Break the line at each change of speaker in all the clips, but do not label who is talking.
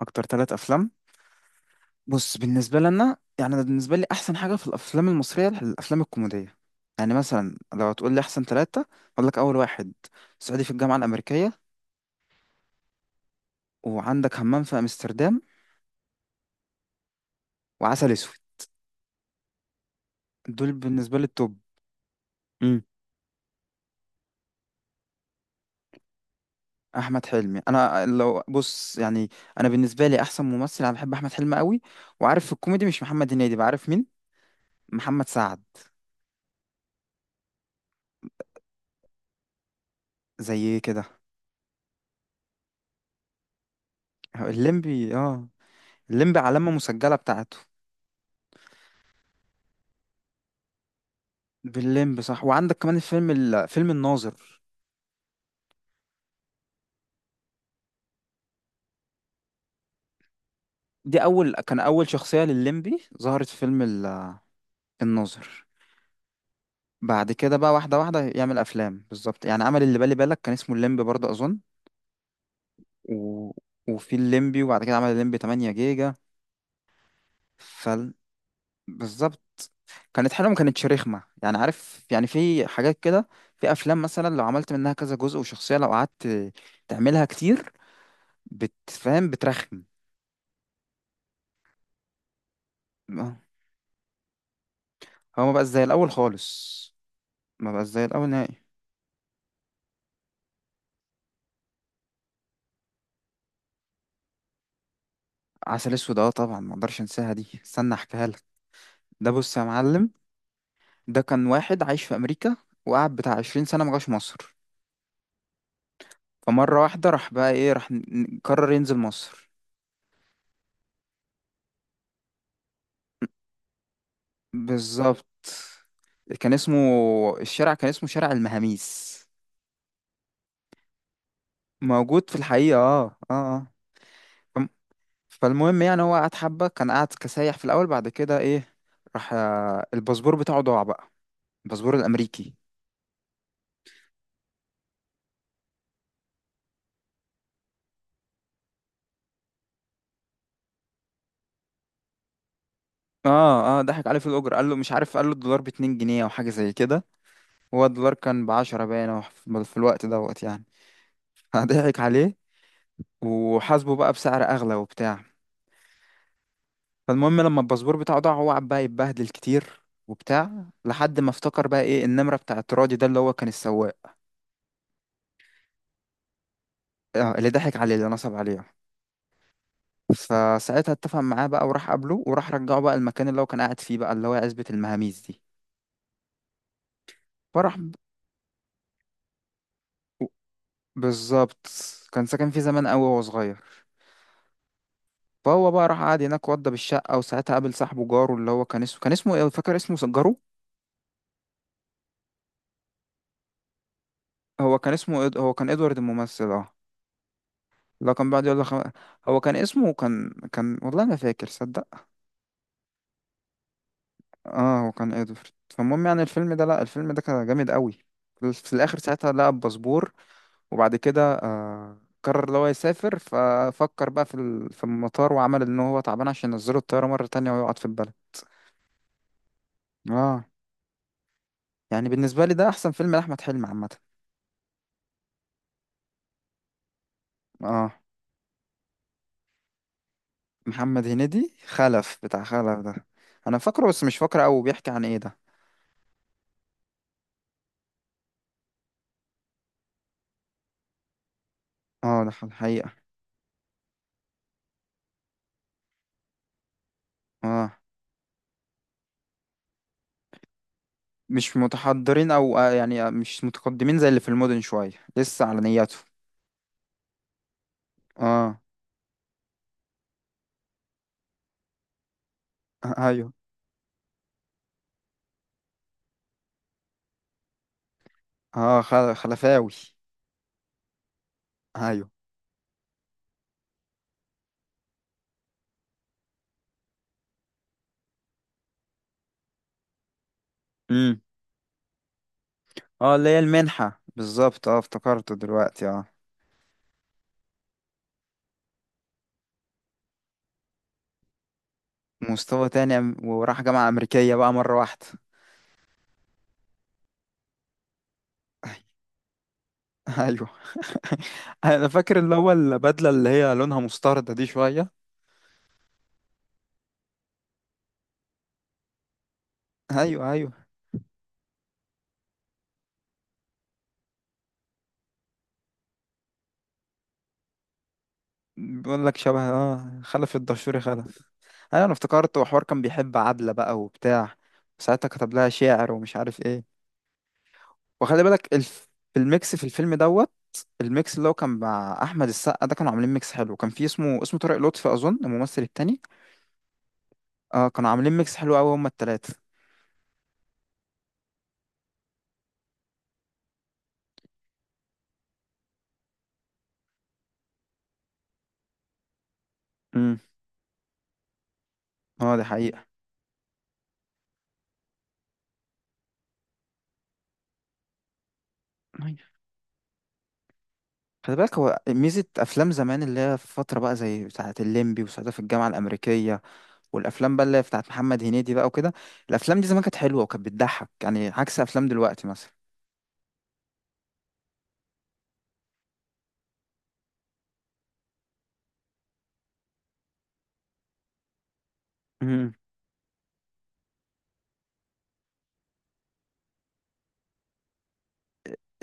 اكتر ثلاث افلام. بص، بالنسبه لنا يعني أنا بالنسبه لي احسن حاجه في الافلام المصريه الافلام الكوميديه. يعني مثلا لو هتقول لي احسن ثلاثه، اقول لك اول واحد: صعيدي في الجامعه الامريكيه، وعندك همام في امستردام، وعسل اسود. دول بالنسبه لي التوب. امم احمد حلمي، انا لو بص يعني، انا بالنسبه لي احسن ممثل، انا بحب احمد حلمي قوي. وعارف في الكوميدي، مش محمد هنيدي، بعرف مين؟ محمد سعد. زي كده الليمبي، اه. الليمبي علامه مسجله بتاعته. بالليمبي صح، وعندك كمان الفيلم فيلم الناظر. دي اول شخصية للليمبي ظهرت في فيلم الناظر. بعد كده بقى واحدة واحدة يعمل افلام بالظبط. يعني عمل اللي بالي بالك كان اسمه الليمبي برضه اظن. و... وفي الليمبي، وبعد كده عمل الليمبي 8 جيجا. ف بالظبط، كانت حلوة، ما كانتش رخمة. يعني عارف، يعني في حاجات كده، في افلام مثلا لو عملت منها كذا جزء، وشخصية لو قعدت تعملها كتير بتفهم بترخم آه. هو ما بقى زي الاول خالص. ما بقاش زي الاول نهائي. عسل اسود، اه طبعا ما اقدرش انساها دي، استنى احكيها لك. ده بص يا معلم، ده كان واحد عايش في امريكا، وقعد بتاع 20 سنه ما جاش مصر. فمره واحده راح بقى ايه، راح قرر ينزل مصر. بالظبط. كان اسمه الشارع، كان اسمه شارع المهاميس. موجود في الحقيقه، اه اه. فم- فالمهم يعني هو قعد حبه، كان قاعد كسايح في الاول، بعد كده ايه، راح الباسبور بتاعه ضاع بقى، الباسبور الامريكي. اه اه، ضحك عليه في الاجر، قال له مش عارف، قال له الدولار ب 2 جنيه او حاجه زي كده. هو الدولار كان ب 10، باين أو في الوقت دوت يعني. فضحك عليه وحاسبه بقى بسعر اغلى وبتاع. فالمهم لما الباسبور بتاعه ضاع، هو قعد بقى يتبهدل كتير وبتاع، لحد ما افتكر بقى ايه النمره بتاعت راضي ده اللي هو كان السواق. اللي ضحك عليه، اللي نصب عليه. فساعتها اتفق معاه بقى، وراح قابله، وراح رجعه بقى المكان اللي هو كان قاعد فيه بقى، اللي هو عزبة المهاميز دي. فراح ب- بالظبط، كان ساكن فيه زمان قوي وهو صغير. فهو بقى راح قعد هناك وضى بالشقة، وساعتها قابل صاحبه جاره اللي هو كان اسمه ايه، فاكر اسمه، جاره. هو كان اسمه، هو كان ادوارد الممثل، اه. لو كان بيقعد يقول لك، هو كان اسمه، كان والله ما فاكر صدق. اه هو كان ادوارد. فالمهم يعني الفيلم ده، لا الفيلم ده كان جامد قوي. في الاخر ساعتها لقى الباسبور، وبعد كده قرر اللي هو يسافر، ففكر بقى في المطار، وعمل ان هو تعبان عشان ينزله الطيارة مرة تانية ويقعد في البلد. اه، يعني بالنسبة لي ده احسن فيلم لأحمد حلمي عامة. اه، محمد هنيدي، خلف، بتاع خلف ده. انا فاكره بس مش فاكره قوي، بيحكي عن ايه ده؟ اه ده الحقيقة. اه، مش متحضرين او مش متقدمين زي اللي في المدن، شوية لسه على نياته. اه، ايوه. اه، خلفاوي. ايوه. امم. اه، اللي هي المنحة بالظبط، اه افتكرته دلوقتي، اه. مستوى تاني، وراح جامعة أمريكية بقى مرة واحدة. ايوه. انا فاكر اللي هو البدلة اللي هي لونها مستردة دي شوية. ايوه ايوه. بقول لك شبه خلف الدشوري خلف. انا افتكرت، وحوار كان بيحب عبلة بقى وبتاع. ساعتها كتب لها شعر ومش عارف ايه. وخلي بالك في الميكس في الفيلم دوت، الميكس اللي هو كان مع احمد السقا ده كانوا عاملين ميكس حلو. كان في اسمه طارق لطفي اظن، الممثل التاني. اه، كانوا عاملين ميكس حلو قوي هما التلاتة. امم. اه دي حقيقة. أيوة. خلي بالك هو ميزة أفلام زمان اللي هي في فترة بقى زي بتاعة الليمبي، وساعتها في الجامعة الأمريكية، والافلام بقى اللي هي بتاعت محمد هنيدي بقى وكده. الافلام دي زمان كانت حلوه وكانت بتضحك، يعني عكس افلام دلوقتي مثلا. مم.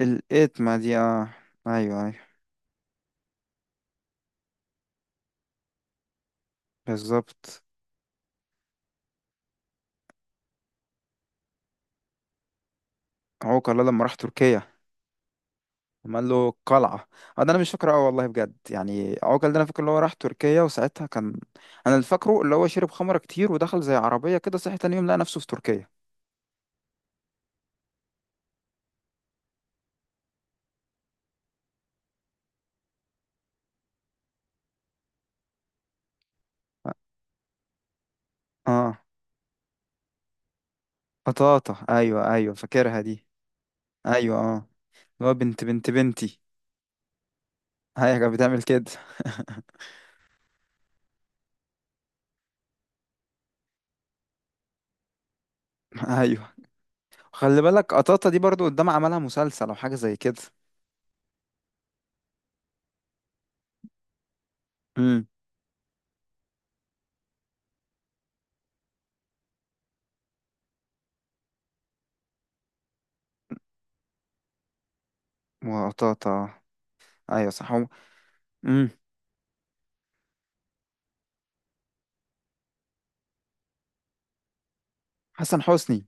الاتما دي، اه. ايوه ايوه بالظبط. عوكل ده لما راح تركيا، لما قال له قلعه. ده انا مش فاكره، اه والله بجد، يعني عوكل ده انا فاكر اللي هو راح تركيا وساعتها كان. انا اللي فاكره اللي هو شرب خمره كتير ودخل زي عربيه كده، صحي تاني يوم لقى نفسه في تركيا. اه، آه، بطاطا، ايوه ايوه فاكرها دي. ايوه اه، اللي هو بنت بنت بنتي. هي كانت بتعمل كده. ايوه. خلي بالك قطاطا دي برضو قدام عملها مسلسل او حاجه زي كده. امم. وقطاطا. ايوه صح، امم. حسن حسني.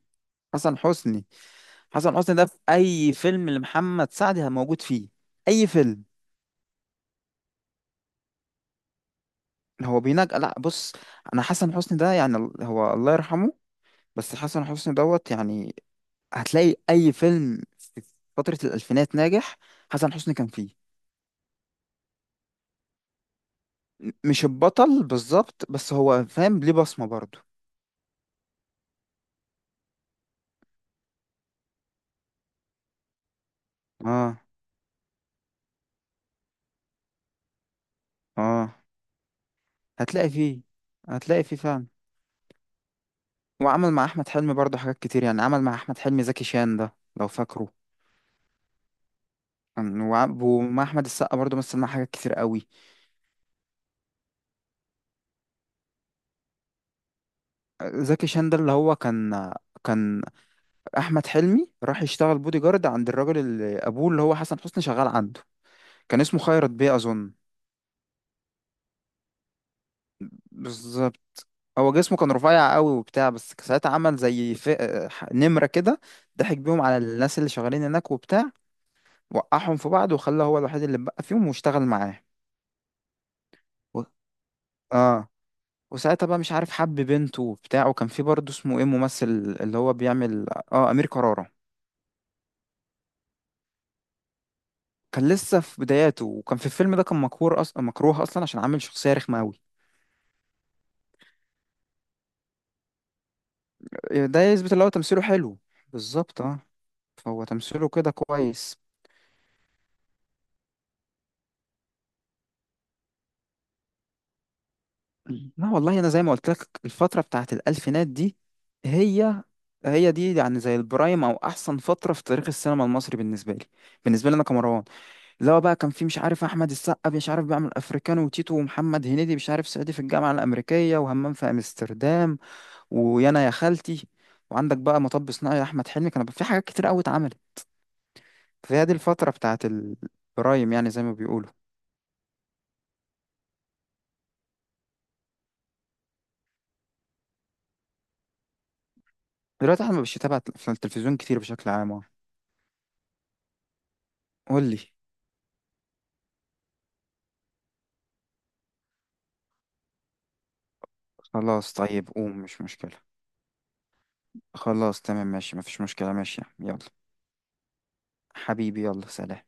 حسن حسني. حسن حسني ده في اي فيلم لمحمد سعد موجود فيه، اي فيلم. هو بينجح، لا بص، انا حسن حسني ده يعني هو الله يرحمه. بس حسن حسني دوت يعني، هتلاقي اي فيلم في فتره الالفينات ناجح حسن حسني كان فيه. مش البطل بالظبط، بس هو فاهم، ليه بصمه برضو. اه. اه. هتلاقي فيه، هتلاقي فيه فعلا. وعمل مع احمد حلمي برضه حاجات كتير، يعني عمل مع احمد حلمي زكي شان ده لو فاكره. كان ومع احمد السقا برضه مثل معاه حاجات كتير قوي. زكي شان ده اللي هو كان، كان احمد حلمي راح يشتغل بودي جارد عند الراجل اللي ابوه اللي هو حسن حسني شغال عنده. كان اسمه خيرت بيه اظن. بالظبط، هو جسمه كان رفيع قوي وبتاع، بس ساعتها عمل زي نمرة كده، ضحك بيهم على الناس اللي شغالين هناك وبتاع، وقعهم في بعض، وخلى هو الوحيد اللي بقى فيهم، واشتغل معاه. اه. وساعتها بقى مش عارف حب بنته وبتاع، وكان في برضه اسمه ايه ممثل اللي هو بيعمل، اه امير كرارة. كان لسه في بداياته، وكان في الفيلم ده كان مكروه اصلا، مكروه اصلا عشان عامل شخصية رخمة قوي. ده يثبت اللي هو تمثيله حلو. بالظبط، اه. فهو تمثيله كده كويس. لا والله، انا زي ما قلت لك، الفترة بتاعت الالفينات دي هي، هي دي يعني زي البرايم، او احسن فترة في تاريخ السينما المصري بالنسبة لي. بالنسبة لي انا كمروان اللي هو بقى، كان في مش عارف احمد السقا مش عارف بيعمل افريكانو وتيتو، ومحمد هنيدي مش عارف صعيدي في الجامعه الامريكيه وهمام في امستردام ويانا يا خالتي، وعندك بقى مطب صناعي. احمد حلمي كان في حاجات كتير قوي اتعملت. فهي دي الفتره بتاعت البرايم يعني زي ما بيقولوا. دلوقتي احنا مش بتابع في التلفزيون كتير بشكل عام. قول لي. خلاص طيب قوم، مش مشكله. خلاص تمام، ماشي، مفيش مشكله، ماشي يلا. حبيبي، يلا، سلام.